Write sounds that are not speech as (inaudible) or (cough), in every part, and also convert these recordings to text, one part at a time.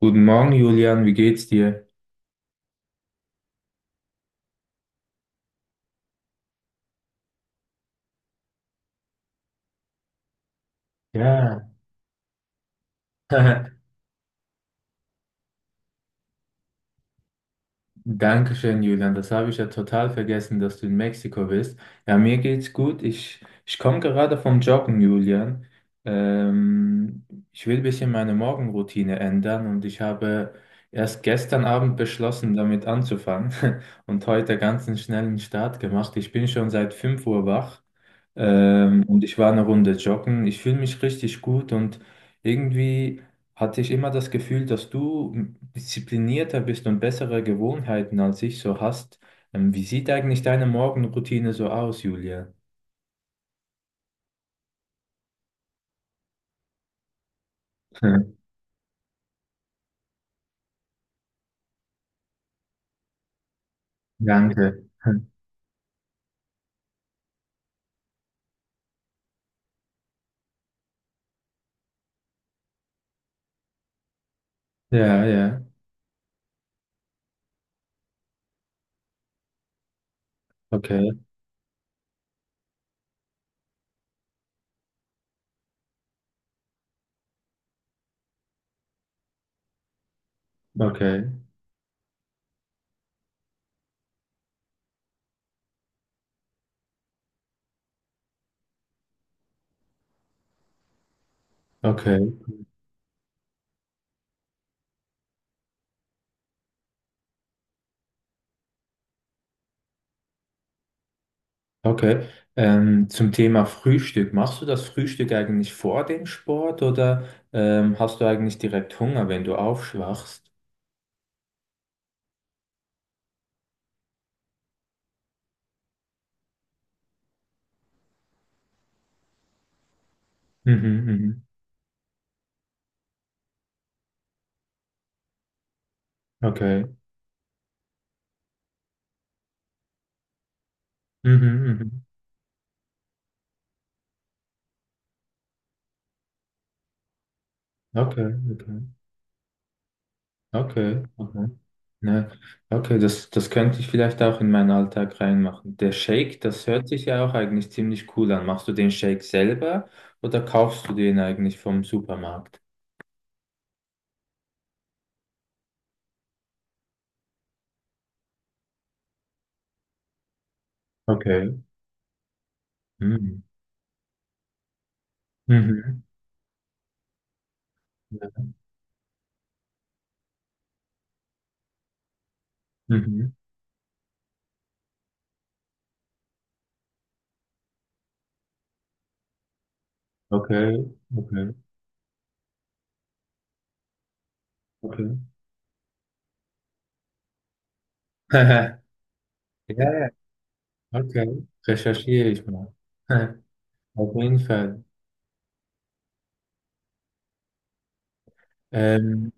Guten Morgen, Julian, wie geht's dir? Ja, (laughs) Dankeschön, Julian. Das habe ich ja total vergessen, dass du in Mexiko bist. Ja, mir geht's gut. Ich komme gerade vom Joggen, Julian. Ähm, Ich will ein bisschen meine Morgenroutine ändern und ich habe erst gestern Abend beschlossen, damit anzufangen, (laughs) und heute ganz einen schnellen Start gemacht. Ich bin schon seit 5 Uhr wach, und ich war eine Runde joggen. Ich fühle mich richtig gut und irgendwie hatte ich immer das Gefühl, dass du disziplinierter bist und bessere Gewohnheiten als ich so hast. Wie sieht eigentlich deine Morgenroutine so aus, Julia? (laughs) Hm, Danke. Hm. Ja, ja. Okay, okay, okay, okay. Zum Thema Frühstück. Machst du das Frühstück eigentlich vor dem Sport oder hast du eigentlich direkt Hunger, wenn du aufschwachst? Mhm, mhm. Okay. Mhm, mhm. Okay, okay, okay, okay. Ne? Okay, das könnte ich vielleicht auch in meinen Alltag reinmachen. Der Shake, das hört sich ja auch eigentlich ziemlich cool an. Machst du den Shake selber oder kaufst du den eigentlich vom Supermarkt? Okay. Mhm. Mhm. Ja. Mhm. Okay, okay, okay. (laughs) Ja, ja, okay. Recherchiere ich mal. (laughs) Auf jeden Fall. Ähm,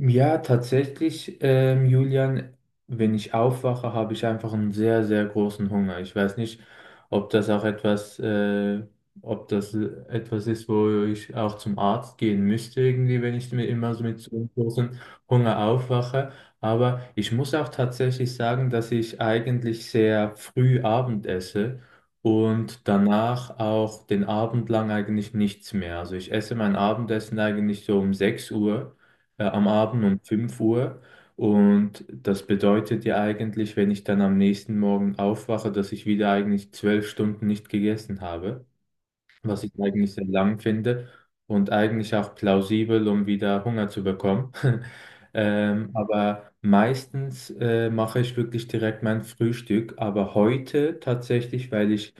Ja, tatsächlich, Julian, wenn ich aufwache, habe ich einfach einen sehr, sehr großen Hunger. Ich weiß nicht, ob das auch etwas, äh, ob das etwas ist, wo ich auch zum Arzt gehen müsste, irgendwie, wenn ich mir immer so mit so einem großen Hunger aufwache. Aber ich muss auch tatsächlich sagen, dass ich eigentlich sehr früh Abend esse und danach auch den Abend lang eigentlich nichts mehr. Also ich esse mein Abendessen eigentlich so um 6 Uhr am Abend, um 5 Uhr. Und das bedeutet ja eigentlich, wenn ich dann am nächsten Morgen aufwache, dass ich wieder eigentlich 12 Stunden nicht gegessen habe, was ich eigentlich sehr lang finde und eigentlich auch plausibel, um wieder Hunger zu bekommen. (laughs) Aber meistens mache ich wirklich direkt mein Frühstück, aber heute tatsächlich,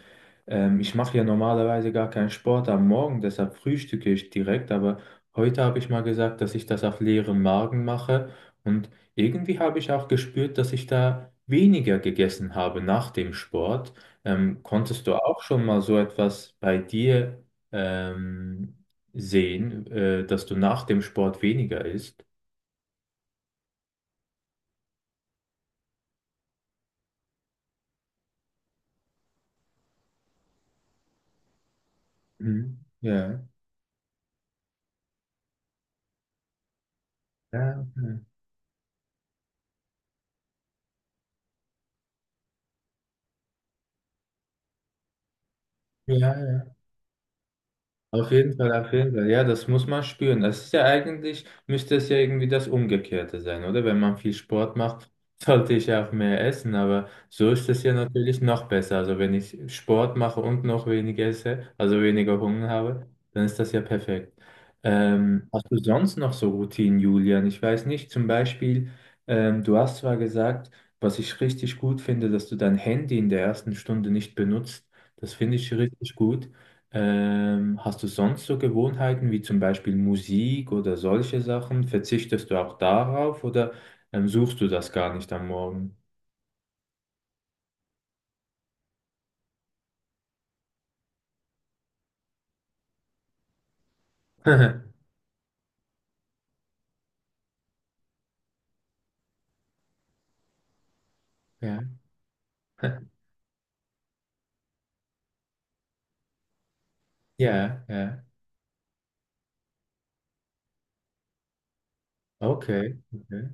ich mache ja normalerweise gar keinen Sport am Morgen, deshalb frühstücke ich direkt, aber heute habe ich mal gesagt, dass ich das auf leeren Magen mache, und irgendwie habe ich auch gespürt, dass ich da weniger gegessen habe nach dem Sport. Konntest du auch schon mal so etwas bei dir ähm, sehen, dass du nach dem Sport weniger isst? Mhm. Ja. Ja, okay. Ja, ja. Auf jeden Fall, auf jeden Fall. Ja, das muss man spüren. Das ist ja eigentlich, müsste es ja irgendwie das Umgekehrte sein, oder? Wenn man viel Sport macht, (laughs) sollte ich ja auch mehr essen, aber so ist es ja natürlich noch besser. Also wenn ich Sport mache und noch weniger esse, also weniger Hunger habe, dann ist das ja perfekt. Hast du sonst noch so Routinen, Julian? Ich weiß nicht, zum Beispiel, du hast zwar gesagt, was ich richtig gut finde, dass du dein Handy in der ersten Stunde nicht benutzt. Das finde ich richtig gut. Hast du sonst so Gewohnheiten wie zum Beispiel Musik oder solche Sachen? Verzichtest du auch darauf oder suchst du das gar nicht am Morgen? (laughs) Ja, (laughs) ja, ja. Okay, okay.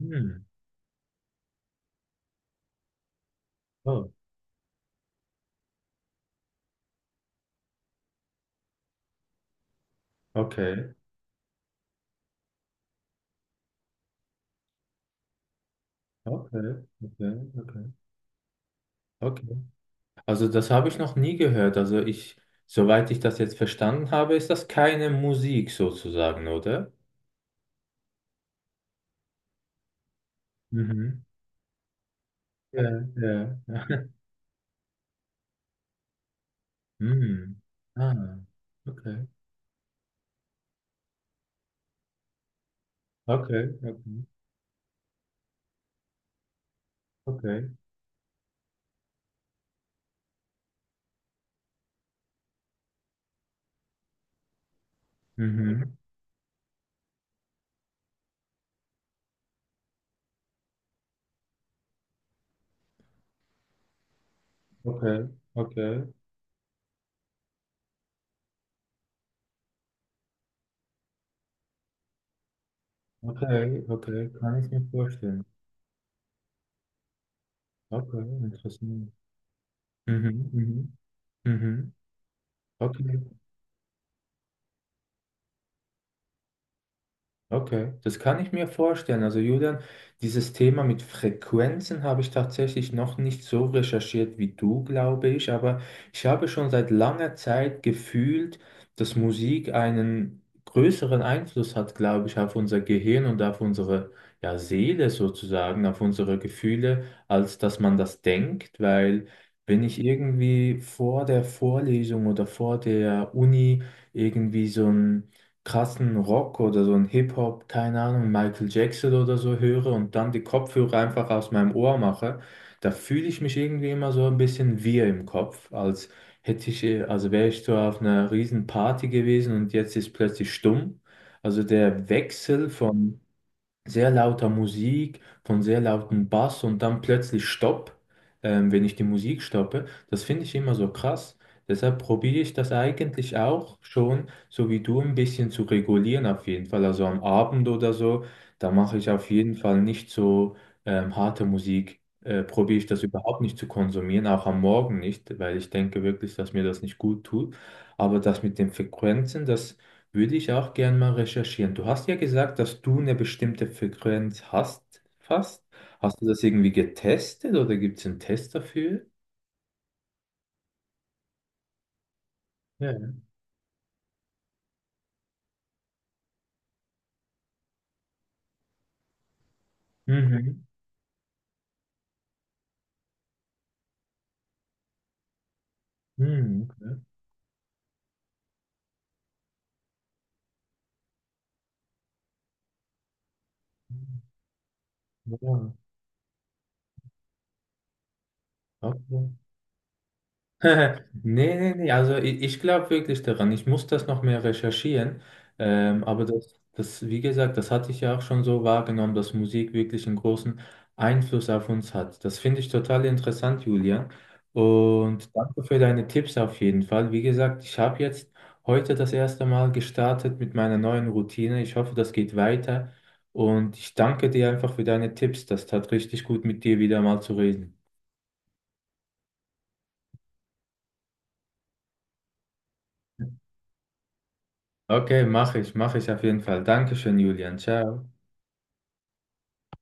Hm. Oh, okay. Okay, okay, okay, okay. Also das habe ich noch nie gehört. Also ich, soweit ich das jetzt verstanden habe, ist das keine Musik sozusagen, oder? Mhm. Ja, ja. (laughs) Hm. Ah, okay. Okay, okay, okay. Mhm. Okay, okay, okay, okay. Kann ich mir vorstellen. Okay, interessant. Mhm, mhm, mhm. Okay. Okay, das kann ich mir vorstellen. Also Julian, dieses Thema mit Frequenzen habe ich tatsächlich noch nicht so recherchiert wie du, glaube ich, aber ich habe schon seit langer Zeit gefühlt, dass Musik einen größeren Einfluss hat, glaube ich, auf unser Gehirn und auf unsere, ja, Seele sozusagen, auf unsere Gefühle, als dass man das denkt, weil wenn ich irgendwie vor der Vorlesung oder vor der Uni irgendwie so ein krassen Rock oder so ein Hip-Hop, keine Ahnung, Michael Jackson oder so höre und dann die Kopfhörer einfach aus meinem Ohr mache, da fühle ich mich irgendwie immer so ein bisschen wirr im Kopf, als also wäre ich so auf einer riesen Party gewesen und jetzt ist plötzlich stumm. Also der Wechsel von sehr lauter Musik, von sehr lautem Bass und dann plötzlich Stopp, wenn ich die Musik stoppe. Das finde ich immer so krass. Deshalb probiere ich das eigentlich auch schon, so wie du, ein bisschen zu regulieren auf jeden Fall. Also am Abend oder so, da mache ich auf jeden Fall nicht so harte Musik. Probiere ich das überhaupt nicht zu konsumieren, auch am Morgen nicht, weil ich denke wirklich, dass mir das nicht gut tut. Aber das mit den Frequenzen, das würde ich auch gern mal recherchieren. Du hast ja gesagt, dass du eine bestimmte Frequenz hast, fast. Hast du das irgendwie getestet oder gibt es einen Test dafür? Ja. Mhm. Mhm. Okay. Ja. Okay. (laughs) Nee, nee, nee, also ich glaube wirklich daran. Ich muss das noch mehr recherchieren. Aber das, das, wie gesagt, das hatte ich ja auch schon so wahrgenommen, dass Musik wirklich einen großen Einfluss auf uns hat. Das finde ich total interessant, Julian. Und danke für deine Tipps auf jeden Fall. Wie gesagt, ich habe jetzt heute das erste Mal gestartet mit meiner neuen Routine. Ich hoffe, das geht weiter. Und ich danke dir einfach für deine Tipps. Das tat richtig gut, mit dir wieder mal zu reden. Okay, mache ich auf jeden Fall. Dankeschön, Julian. Ciao.